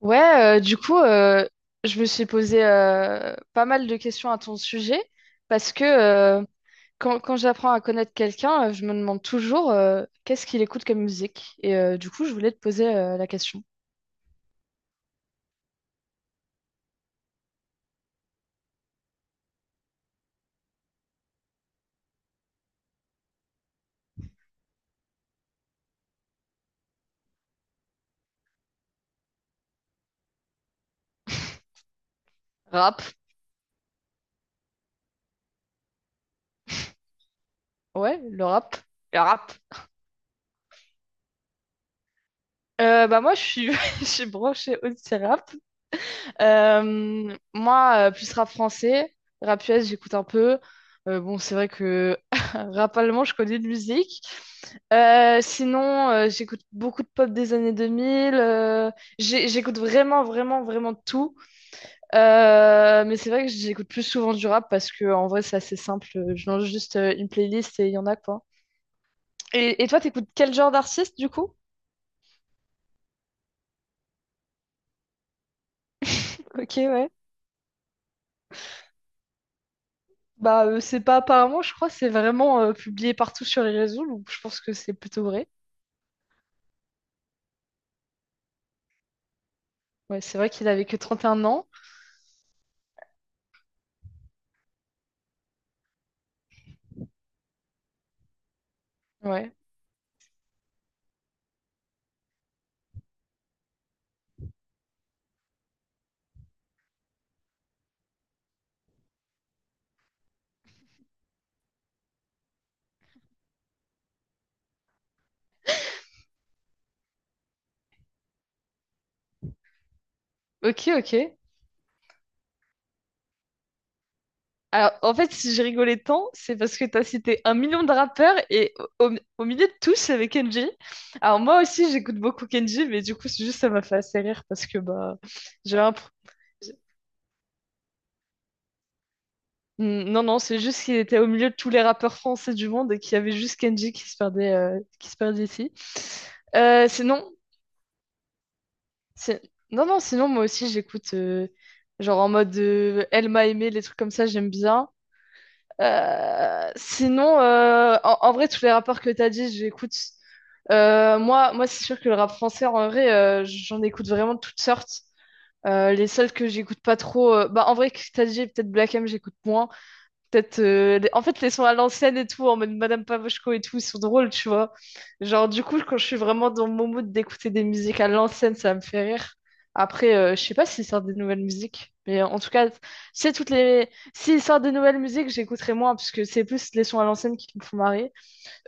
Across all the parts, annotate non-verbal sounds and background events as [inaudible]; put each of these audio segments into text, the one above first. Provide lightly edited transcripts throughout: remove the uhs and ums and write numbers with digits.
Ouais, euh, du coup, euh, je me suis posé pas mal de questions à ton sujet parce que quand j'apprends à connaître quelqu'un, je me demande toujours qu'est-ce qu'il écoute comme musique. Et du coup, je voulais te poser la question. Rap, ouais, le rap. Le rap. Bah moi, je suis, [laughs] je suis branchée aussi rap. Plus rap français, rap US, j'écoute un peu. Bon, c'est vrai que [laughs] rap allemand, je connais de musique. J'écoute beaucoup de pop des années 2000. J'écoute vraiment, vraiment, vraiment de tout. Mais c'est vrai que j'écoute plus souvent du rap parce que en vrai, c'est assez simple. Je lance juste une playlist et il y en a quoi. Et toi, t'écoutes quel genre d'artiste du coup? Ok, ouais. C'est pas apparemment, je crois, c'est vraiment publié partout sur les réseaux, donc je pense que c'est plutôt vrai. Ouais, c'est vrai qu'il avait que 31 ans. Ouais. Ok, ok. Alors, en fait, si j'ai rigolé tant, c'est parce que t'as cité un million de rappeurs et au, au- au milieu de tous, avec Kenji. Alors, moi aussi, j'écoute beaucoup Kenji, mais du coup, c'est juste ça m'a fait assez rire parce que, bah, j'ai un. pro- Mm. Non, non, c'est juste qu'il était au milieu de tous les rappeurs français du monde et qu'il y avait juste Kenji qui se perdait, qui se perdait ici. Euh, sinon, c'est- non, non, sinon, moi aussi, j'écoute, genre en mode Elle m'a aimé, les trucs comme ça, j'aime bien. Sinon, en vrai, tous les rapports que tu as dit, j'écoute. Moi c'est sûr que le rap français, en vrai, j'en écoute vraiment de toutes sortes. Les seuls que j'écoute pas trop, bah, en vrai, que t'as dit, peut-être Black M, j'écoute moins. Peut-être, en fait, les sons à l'ancienne et tout, en mode Madame Pavoshko et tout, ils sont drôles, tu vois. Du coup, quand je suis vraiment dans mon mood d'écouter des musiques à l'ancienne, ça me fait rire. Après, je sais pas s'ils sortent des nouvelles musiques, mais en tout cas, c'est toutes les. S'ils sortent des nouvelles musiques, j'écouterai moins, parce que c'est plus les sons à l'ancienne qui me font marrer.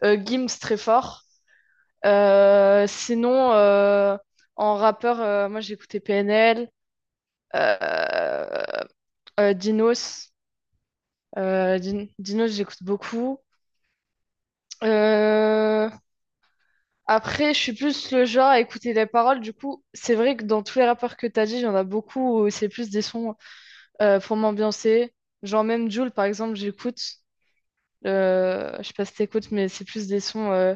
Gims, très fort. Sinon, en rappeur, moi, j'écoutais PNL, euh, Dinos. Dinos, j'écoute beaucoup. Euh, Après, je suis plus le genre à écouter les paroles. Du coup, c'est vrai que dans tous les rappeurs que t'as dit, il y en a beaucoup où c'est plus des sons pour m'ambiancer. Genre même Jul, par exemple, j'écoute. Je sais pas si t'écoutes, mais c'est plus des sons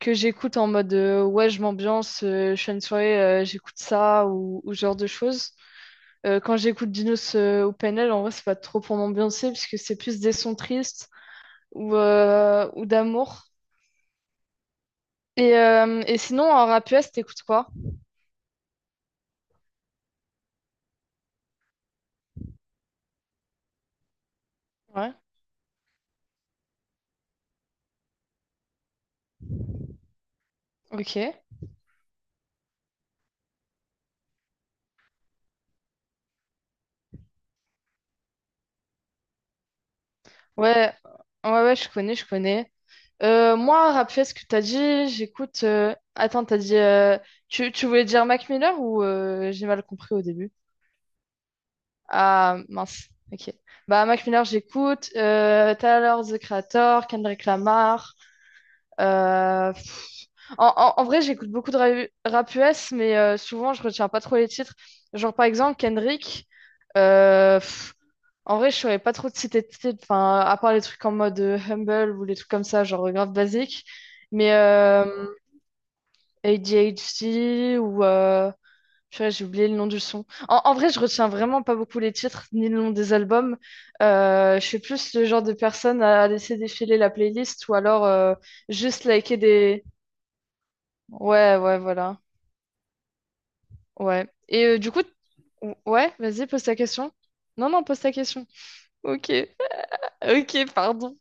que j'écoute en mode ouais, je m'ambiance, je suis à une soirée, j'écoute ça ou ce genre de choses. Quand j'écoute Dinos ou PNL, en vrai, c'est pas trop pour m'ambiancer puisque c'est plus des sons tristes ou d'amour. Et sinon, en rap US, t'écoutes quoi? Ouais, ok. Ouais, ouais, ouais, je connais. Moi, rappelez ce que t'as dit, j'écoute. Attends, t'as dit. Tu voulais dire Mac Miller ou j'ai mal compris au début? Ah, mince, ok. Bah, Mac Miller, j'écoute. Tyler, The Creator, Kendrick Lamar. euh, pff, En vrai, j'écoute beaucoup de rap US, mais souvent, je retiens pas trop les titres. Genre, par exemple, Kendrick. En vrai, je saurais pas trop te citer de titre, enfin, à part les trucs en mode Humble ou les trucs comme ça, genre grave basique. Mais ADHD ou... purée, j'ai oublié le nom du son. En vrai, je retiens vraiment pas beaucoup les titres ni le nom des albums. Je suis plus le genre de personne à laisser défiler la playlist ou alors juste liker des... Ouais, ouais, voilà. Ouais. Ouais, vas-y, pose ta question. Non, non, pose ta question. Ok. Ok, pardon.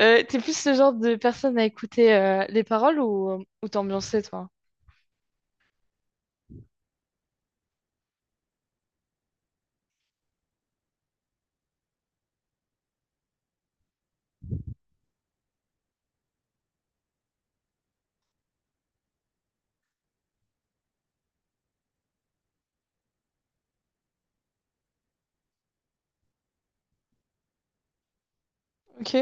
T'es plus le genre de personne à écouter les paroles ou t'ambiancer, toi? Ok.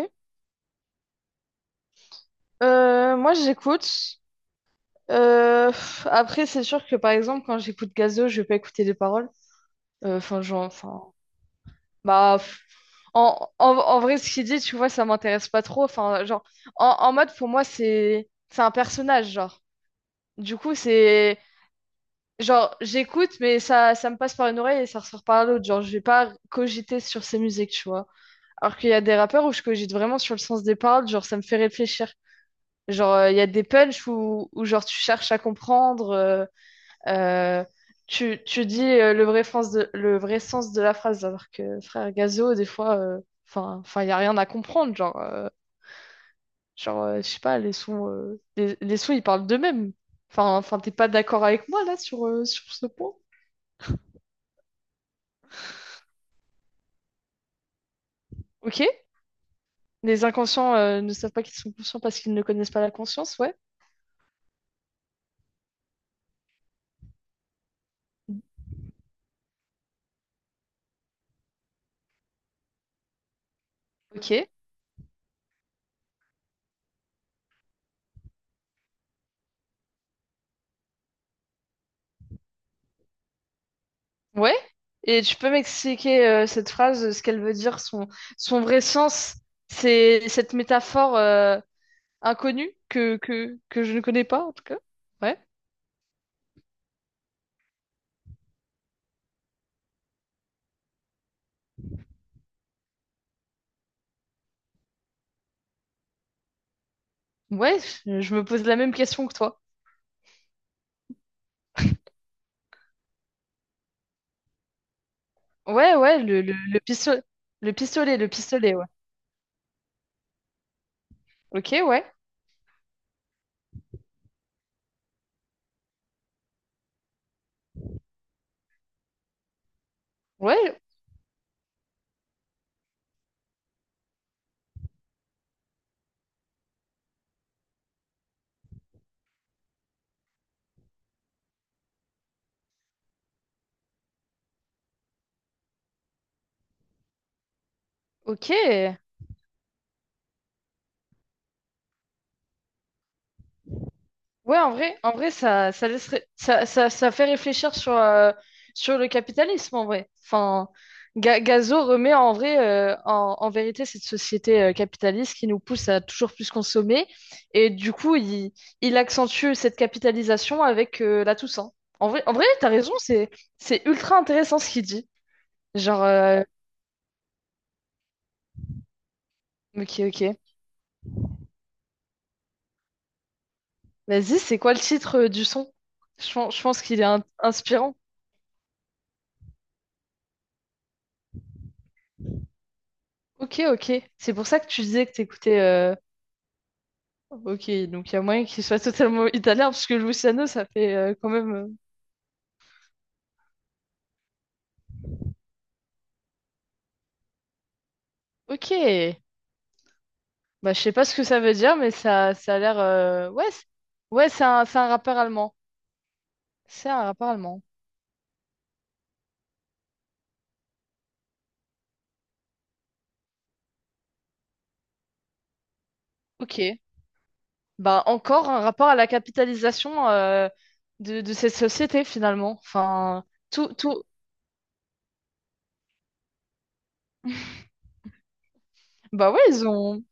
Moi, j'écoute. Après, c'est sûr que, par exemple, quand j'écoute Gazo, je vais pas écouter les paroles. Enfin, genre, enfin... Bah, pff, en, en, en vrai, ce qu'il dit, tu vois, ça m'intéresse pas trop. Enfin, en mode, pour moi, c'est un personnage, genre. Du coup, c'est... Genre, j'écoute, mais ça me passe par une oreille et ça ressort par l'autre. Genre, je vais pas cogiter sur ses musiques, tu vois. Alors qu'il y a des rappeurs où je cogite vraiment sur le sens des paroles, genre ça me fait réfléchir. Genre, il y a des punchs où genre tu cherches à comprendre, euh, tu dis le vrai sens de le vrai sens de la phrase, alors que frère Gazo, des fois, enfin il y a rien à comprendre, je sais pas, les sons ils parlent d'eux-mêmes. Enfin, t'es pas d'accord avec moi là sur ce point? Ok? Les inconscients ne savent pas qu'ils sont conscients parce qu'ils ne connaissent pas la conscience, ouais. Ok. Ouais? Et tu peux m'expliquer cette phrase, ce qu'elle veut dire, son vrai sens, c'est cette métaphore inconnue que je ne connais pas en tout cas. Ouais. Ouais, je me pose la même question que toi. Ouais, ouais, le pistolet. Le pistolet, ouais. Ok, ouais. Ouais, ok. Ouais, en vrai, ça laisserait, ça fait réfléchir sur, sur le capitalisme, en vrai. Enfin, Gazo remet en vrai, euh, en vérité, cette société capitaliste qui nous pousse à toujours plus consommer. Et du coup, il accentue cette capitalisation avec la Toussaint. En vrai, t'as raison, c'est ultra intéressant ce qu'il dit. Genre, euh, ok, ok. Vas-y, c'est quoi le titre du son? Je pense qu'il est inspirant. Ok, ok. C'est pour ça que tu disais que t'écoutais. Ok, donc il y a moyen qu'il soit totalement italien, parce que Luciano, ça fait quand même... Ok, bah je sais pas ce que ça veut dire, mais ça a l'air... Ouais, ouais, c'est un rappeur allemand. C'est un rappeur allemand. Ok, bah encore un rapport à la capitalisation euh, de cette société, finalement. Tout, tout... Bah ouais, ils ont...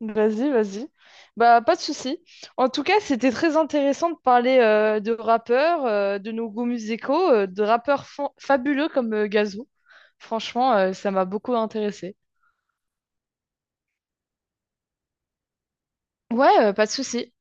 Vas-y, vas-y. Bah, pas de souci. En tout cas, c'était très intéressant de parler de rappeurs, de nos goûts musicaux, euh, de rappeurs fabuleux comme Gazou. Franchement, ça m'a beaucoup intéressé. Ouais, pas de souci.